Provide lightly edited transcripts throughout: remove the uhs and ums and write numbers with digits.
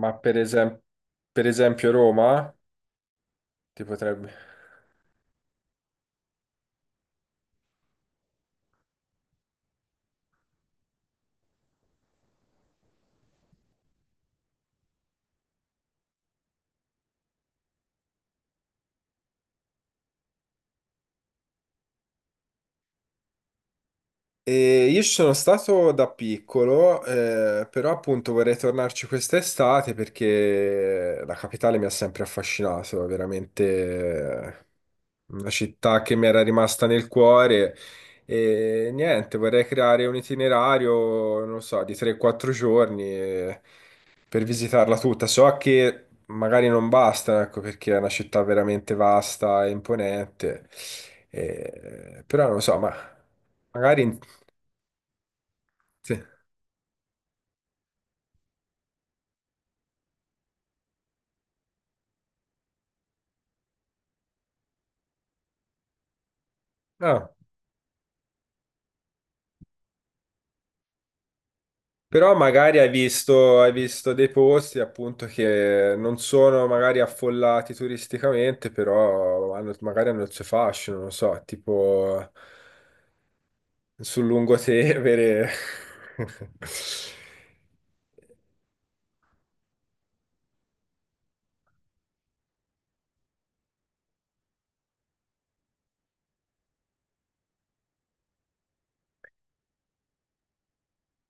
Ma per esempio Roma ti potrebbe. E io ci sono stato da piccolo, però appunto vorrei tornarci quest'estate perché la capitale mi ha sempre affascinato, è veramente una città che mi era rimasta nel cuore. E niente, vorrei creare un itinerario, non lo so, di 3-4 giorni, per visitarla tutta. So che magari non basta, ecco, perché è una città veramente vasta e imponente, però non lo so, ma. Magari in. Sì. No. Però magari hai visto dei posti appunto che non sono magari affollati turisticamente, però magari hanno il suo fascino, non so, tipo sul lungotevere.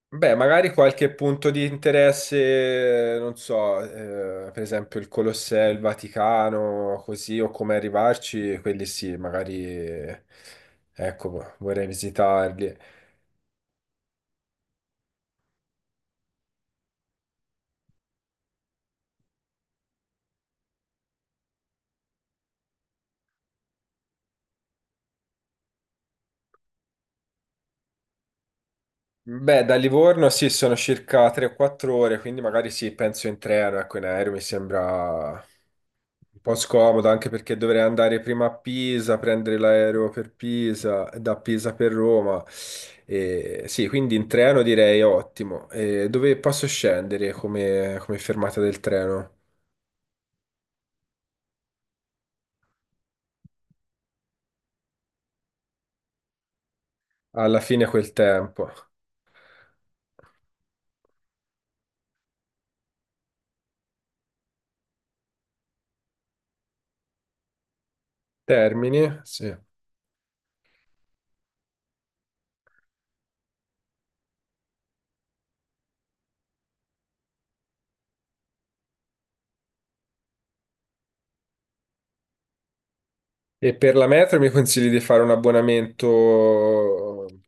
Beh, magari qualche punto di interesse, non so, per esempio il Colosseo, il Vaticano, così, o come arrivarci, quelli sì, magari, ecco, vorrei visitarli. Beh, da Livorno sì, sono circa 3 o 4 ore, quindi magari sì, penso in treno, ecco, in aereo mi sembra un po' scomodo, anche perché dovrei andare prima a Pisa, prendere l'aereo per Pisa, e da Pisa per Roma. E, sì, quindi in treno direi ottimo. E dove posso scendere come fermata del treno? Alla fine quel tempo. Termini? Sì. E per la metro mi consigli di fare un abbonamento,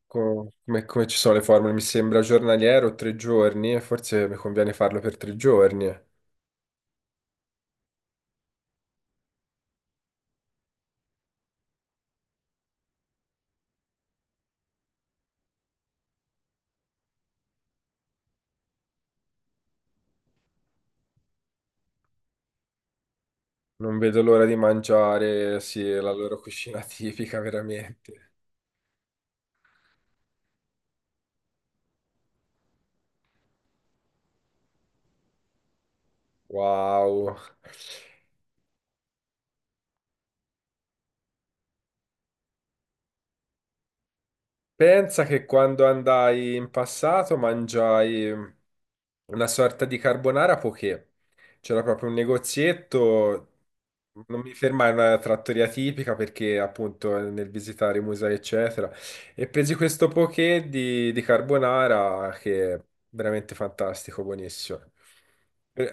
come ci sono le formule? Mi sembra giornaliero, 3 giorni, e forse mi conviene farlo per 3 giorni. Non vedo l'ora di mangiare, sì, la loro cucina tipica, veramente. Wow. Pensa che quando andai in passato mangiai una sorta di carbonara poché. C'era proprio un negozietto, non mi fermai in una trattoria tipica perché appunto nel visitare i musei eccetera, e presi questo poké di carbonara che è veramente fantastico, buonissimo. Eh,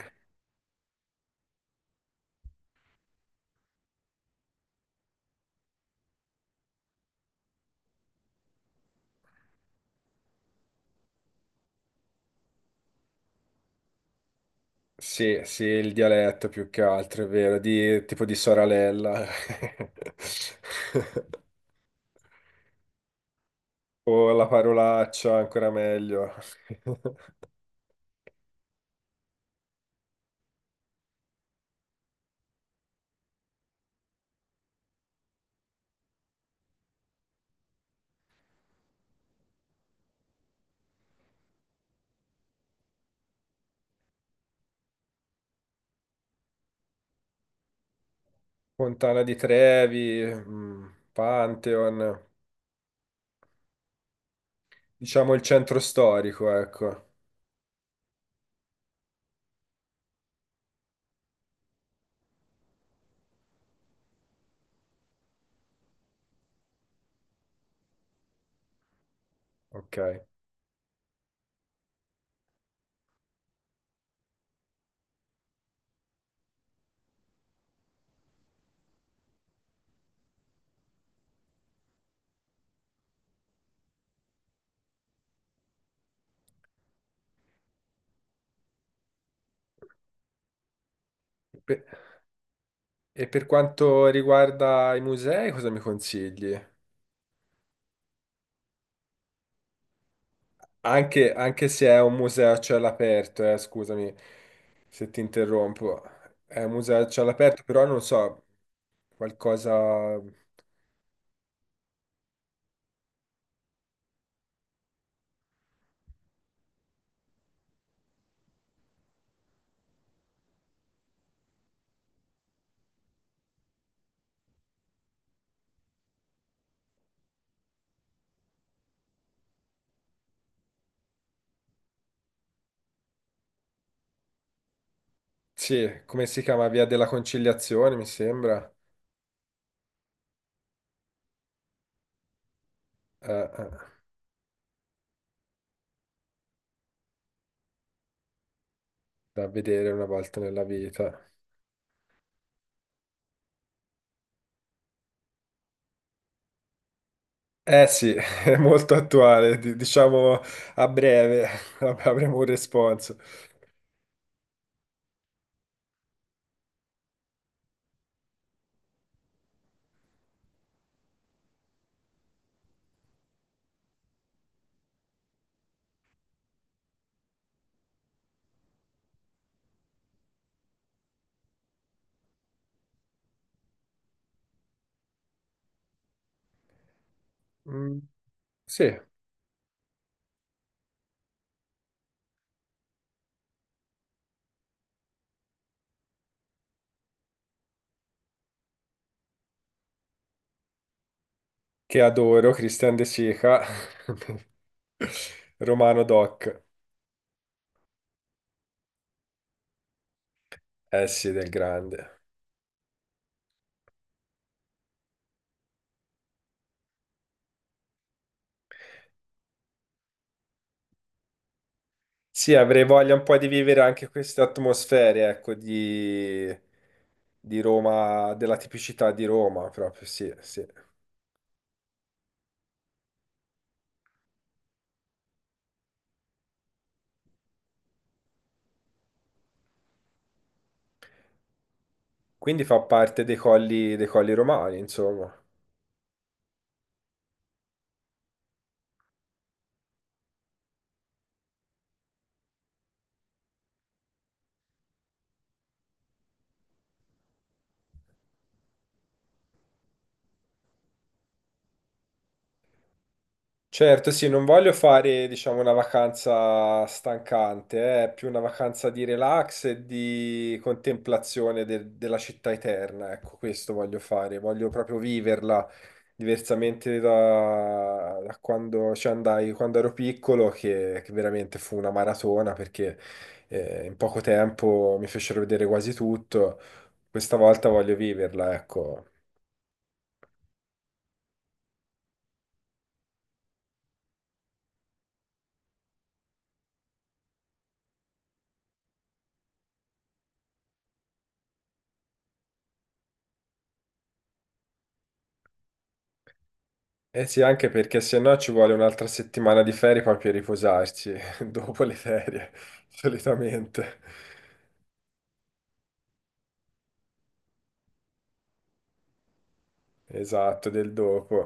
Sì, sì, il dialetto più che altro, è vero, tipo di Soralella. O la parolaccia, ancora meglio. Fontana di Trevi, Pantheon. Diciamo il centro storico, ecco. Ok. Pe- E per quanto riguarda i musei, cosa mi consigli? Anche se è un museo a cielo aperto, scusami se ti interrompo. È un museo a cielo aperto, però non so, qualcosa. Sì, come si chiama? Via della Conciliazione, mi sembra. Eh, eh, Da vedere una volta nella vita. Eh sì, è molto attuale, diciamo a breve avremo un responso. Mm, sì, che adoro, Christian De Sica, Romano Doc, eh sì, del grande. Sì, avrei voglia un po' di vivere anche queste atmosfere, ecco, di Roma, della tipicità di Roma, proprio, sì, sì. Quindi fa parte dei colli romani, insomma. Certo, sì, non voglio fare, diciamo, una vacanza stancante, è più una vacanza di relax e di contemplazione della città eterna, ecco, questo voglio fare, voglio proprio viverla diversamente da quando ci andai, quando ero piccolo, che veramente fu una maratona perché in poco tempo mi fecero vedere quasi tutto, questa volta voglio viverla, ecco. Eh sì, anche perché se no ci vuole un'altra settimana di ferie poi per riposarci dopo le ferie, solitamente. Esatto, del dopo.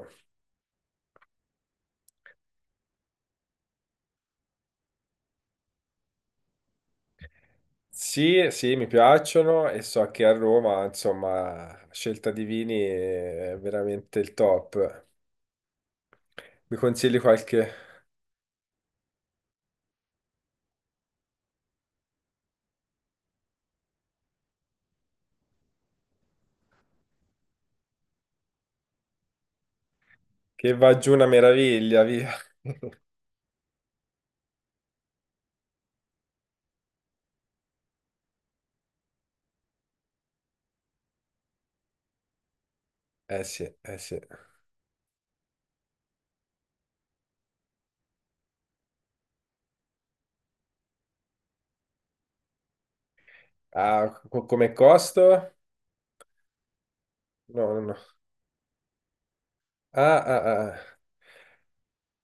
Sì, sì, mi piacciono e so che a Roma, insomma, la scelta di vini è veramente il top. Mi consigli qualche che va giù una meraviglia, via. Eh sì, eh sì. Ah, come costo? No, no, no. Ah, ah, ah.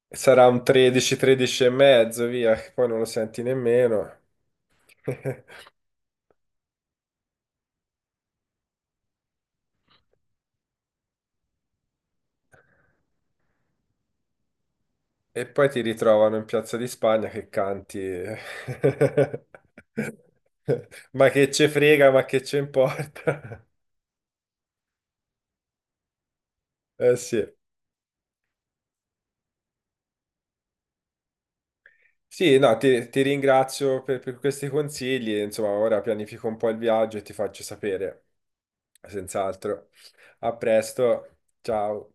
Sarà un 13, 13 e mezzo, via, che poi non lo senti nemmeno. E poi ti ritrovano in Piazza di Spagna che canti. Ma che ce frega, ma che ce importa. Eh sì. Sì, no, ti ringrazio per questi consigli. Insomma, ora pianifico un po' il viaggio e ti faccio sapere. Senz'altro. A presto. Ciao.